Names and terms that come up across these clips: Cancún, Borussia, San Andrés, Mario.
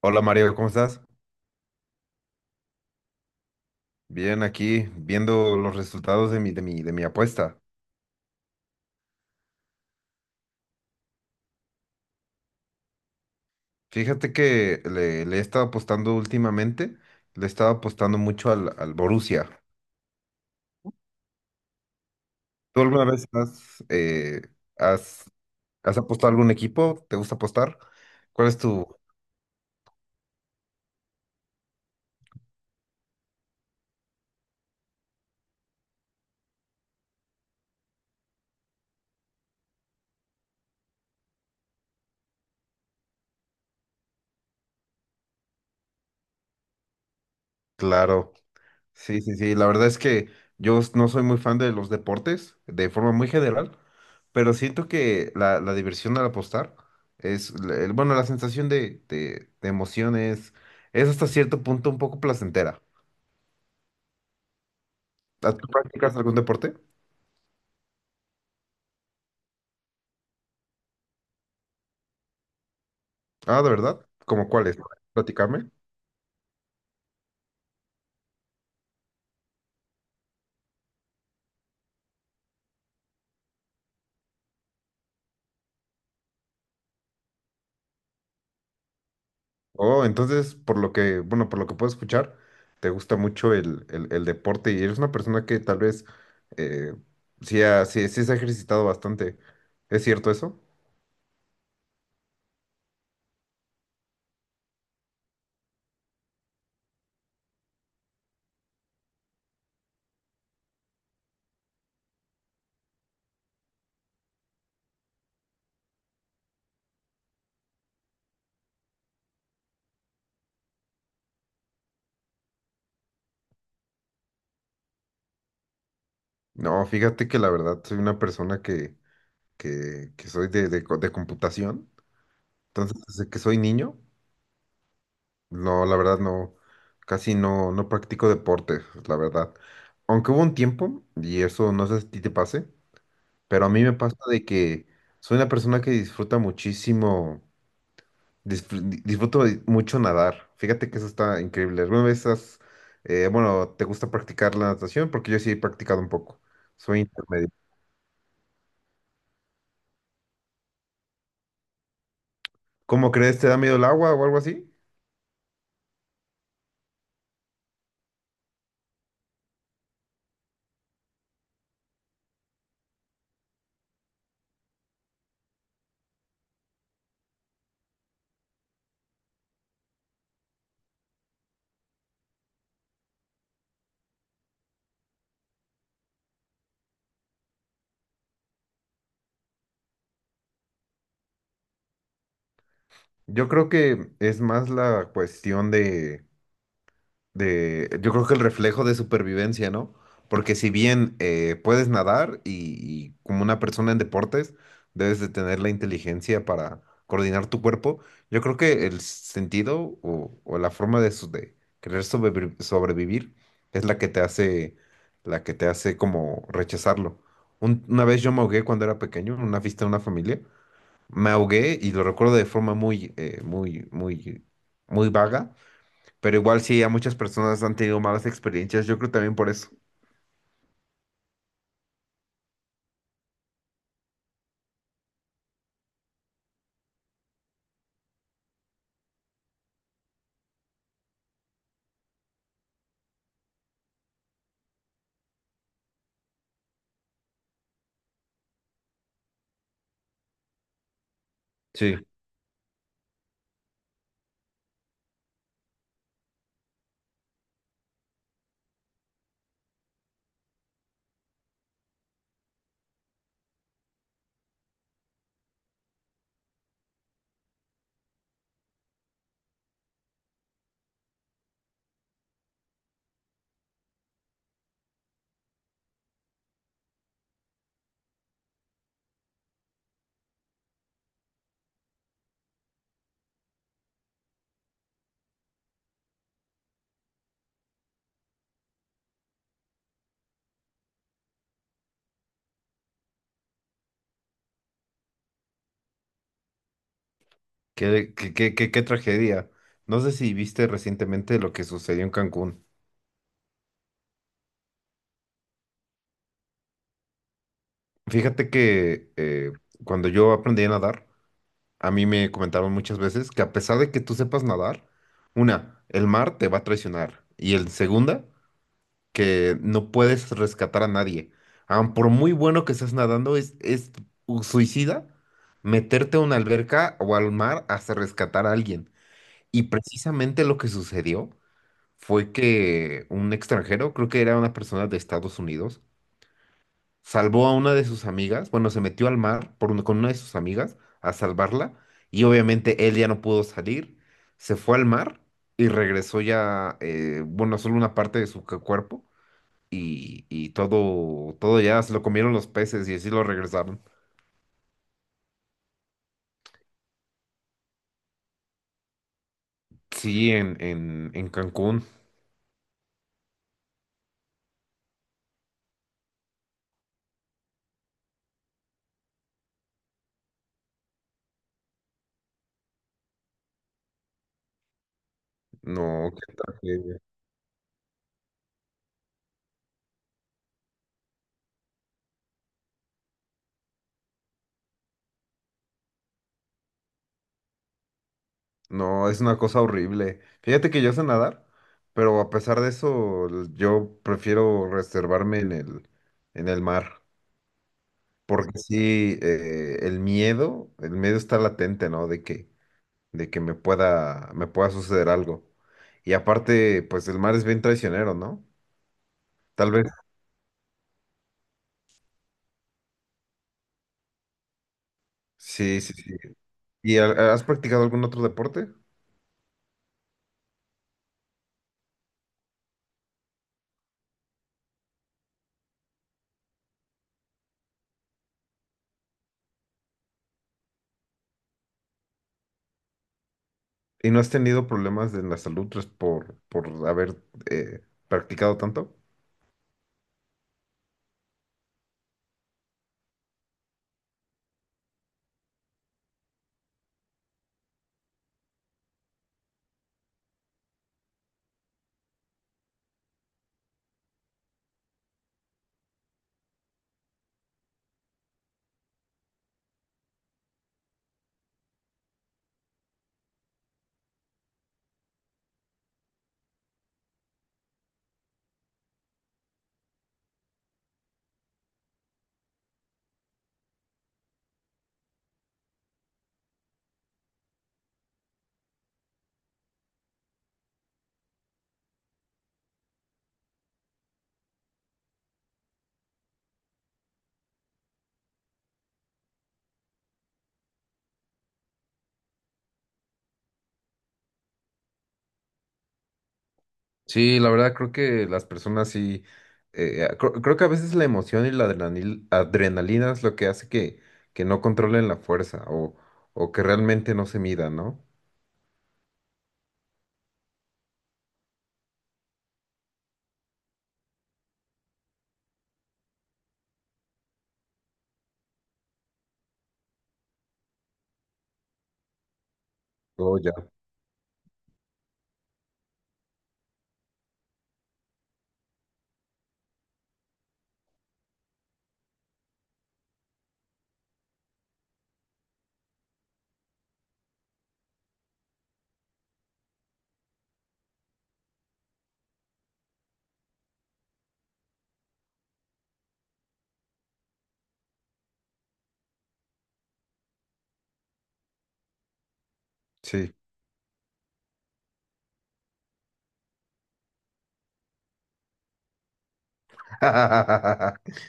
Hola Mario, ¿cómo estás? Bien, aquí viendo los resultados de mi apuesta. Fíjate que le he estado apostando últimamente, le he estado apostando mucho al Borussia. ¿Tú alguna vez has, has apostado a algún equipo? ¿Te gusta apostar? ¿Cuál es tu...? Claro. Sí, sí, sí. La verdad es que yo no soy muy fan de los deportes de forma muy general, pero siento que la diversión al apostar es, la sensación de emociones es hasta cierto punto un poco placentera. ¿Ah, ¿tú practicas algún deporte? Ah, ¿de verdad? ¿Cómo cuál es? Platícame. Oh, entonces, por lo que, bueno, por lo que puedo escuchar, te gusta mucho el deporte y eres una persona que tal vez eh, sí, sí se ha ejercitado bastante. ¿Es cierto eso? No, fíjate que la verdad soy una persona que soy de computación. Entonces, desde que soy niño, no, la verdad no, casi no, no practico deportes, la verdad. Aunque hubo un tiempo, y eso no sé si a ti te pase, pero a mí me pasa de que soy una persona que disfruta muchísimo, disfruto mucho nadar. Fíjate que eso está increíble. ¿Alguna vez te gusta practicar la natación? Porque yo sí he practicado un poco. Soy intermedio. ¿Cómo crees? ¿Te da miedo el agua o algo así? Yo creo que es más la cuestión yo creo que el reflejo de supervivencia, ¿no? Porque si bien puedes nadar y como una persona en deportes, debes de tener la inteligencia para coordinar tu cuerpo, yo creo que el sentido o la forma de, de querer sobrevivir es la que te hace, la que te hace como rechazarlo. Una vez yo me ahogué cuando era pequeño en una fiesta de una familia, me ahogué y lo recuerdo de forma muy, muy vaga, pero igual sí, a muchas personas han tenido malas experiencias, yo creo también por eso. Sí, qué tragedia. No sé si viste recientemente lo que sucedió en Cancún. Fíjate que cuando yo aprendí a nadar, a mí me comentaron muchas veces que a pesar de que tú sepas nadar, una, el mar te va a traicionar y el segunda, que no puedes rescatar a nadie. Aun por muy bueno que estés nadando, es suicida meterte a una alberca o al mar hasta rescatar a alguien. Y precisamente lo que sucedió fue que un extranjero, creo que era una persona de Estados Unidos, salvó a una de sus amigas, bueno, se metió al mar con una de sus amigas a salvarla y obviamente él ya no pudo salir, se fue al mar y regresó ya, solo una parte de su cuerpo y, todo ya se lo comieron los peces y así lo regresaron. Sí, en Cancún. No, qué tragedia. No, es una cosa horrible. Fíjate que yo sé nadar, pero a pesar de eso, yo prefiero reservarme en el mar. Porque sí, el miedo está latente, ¿no? De que me pueda suceder algo. Y aparte, pues el mar es bien traicionero, ¿no? Tal vez. Sí, sí, sí. ¿Y has practicado algún otro deporte? ¿Y no has tenido problemas en la salud pues, por haber eh, practicado tanto? Sí, la verdad creo que las personas sí, creo, que a veces la emoción y adrenalina es lo que hace que no controlen la fuerza o que realmente no se midan, ¿no? Oh, ya. Sí.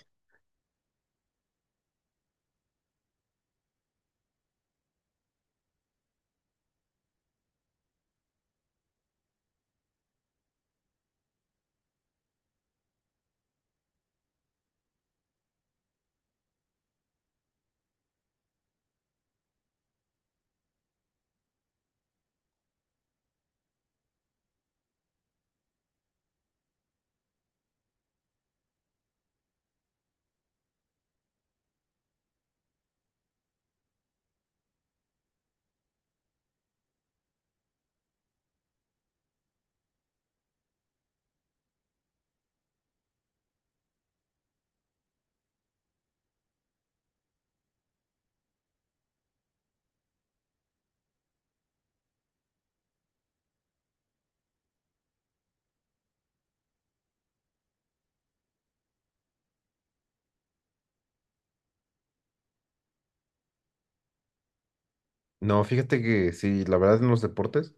No, fíjate que sí, la verdad en los deportes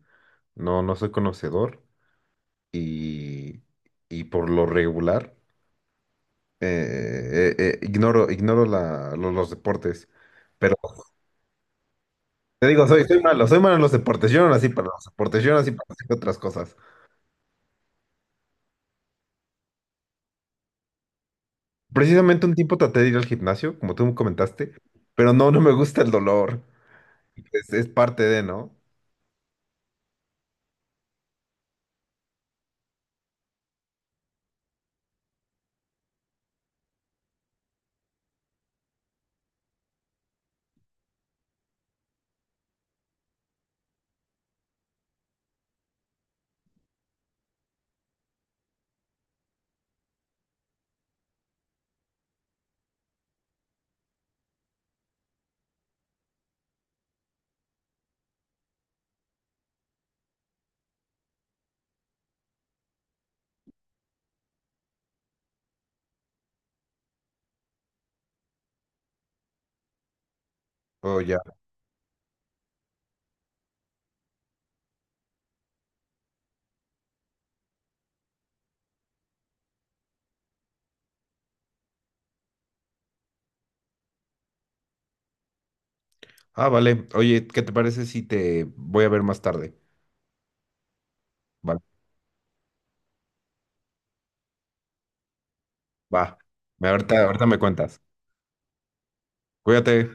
no, no soy conocedor y, y por lo regular. Ignoro, ignoro los deportes. Pero te digo, soy malo en los deportes. Yo no nací para los deportes, yo nací para hacer otras cosas. Precisamente un tiempo traté de ir al gimnasio, como tú me comentaste, pero no, no me gusta el dolor. Es parte de, ¿no? Oh, ya. Ah, vale. Oye, ¿qué te parece si te voy a ver más tarde? Vale, va. Ahorita, ahorita me cuentas. Cuídate.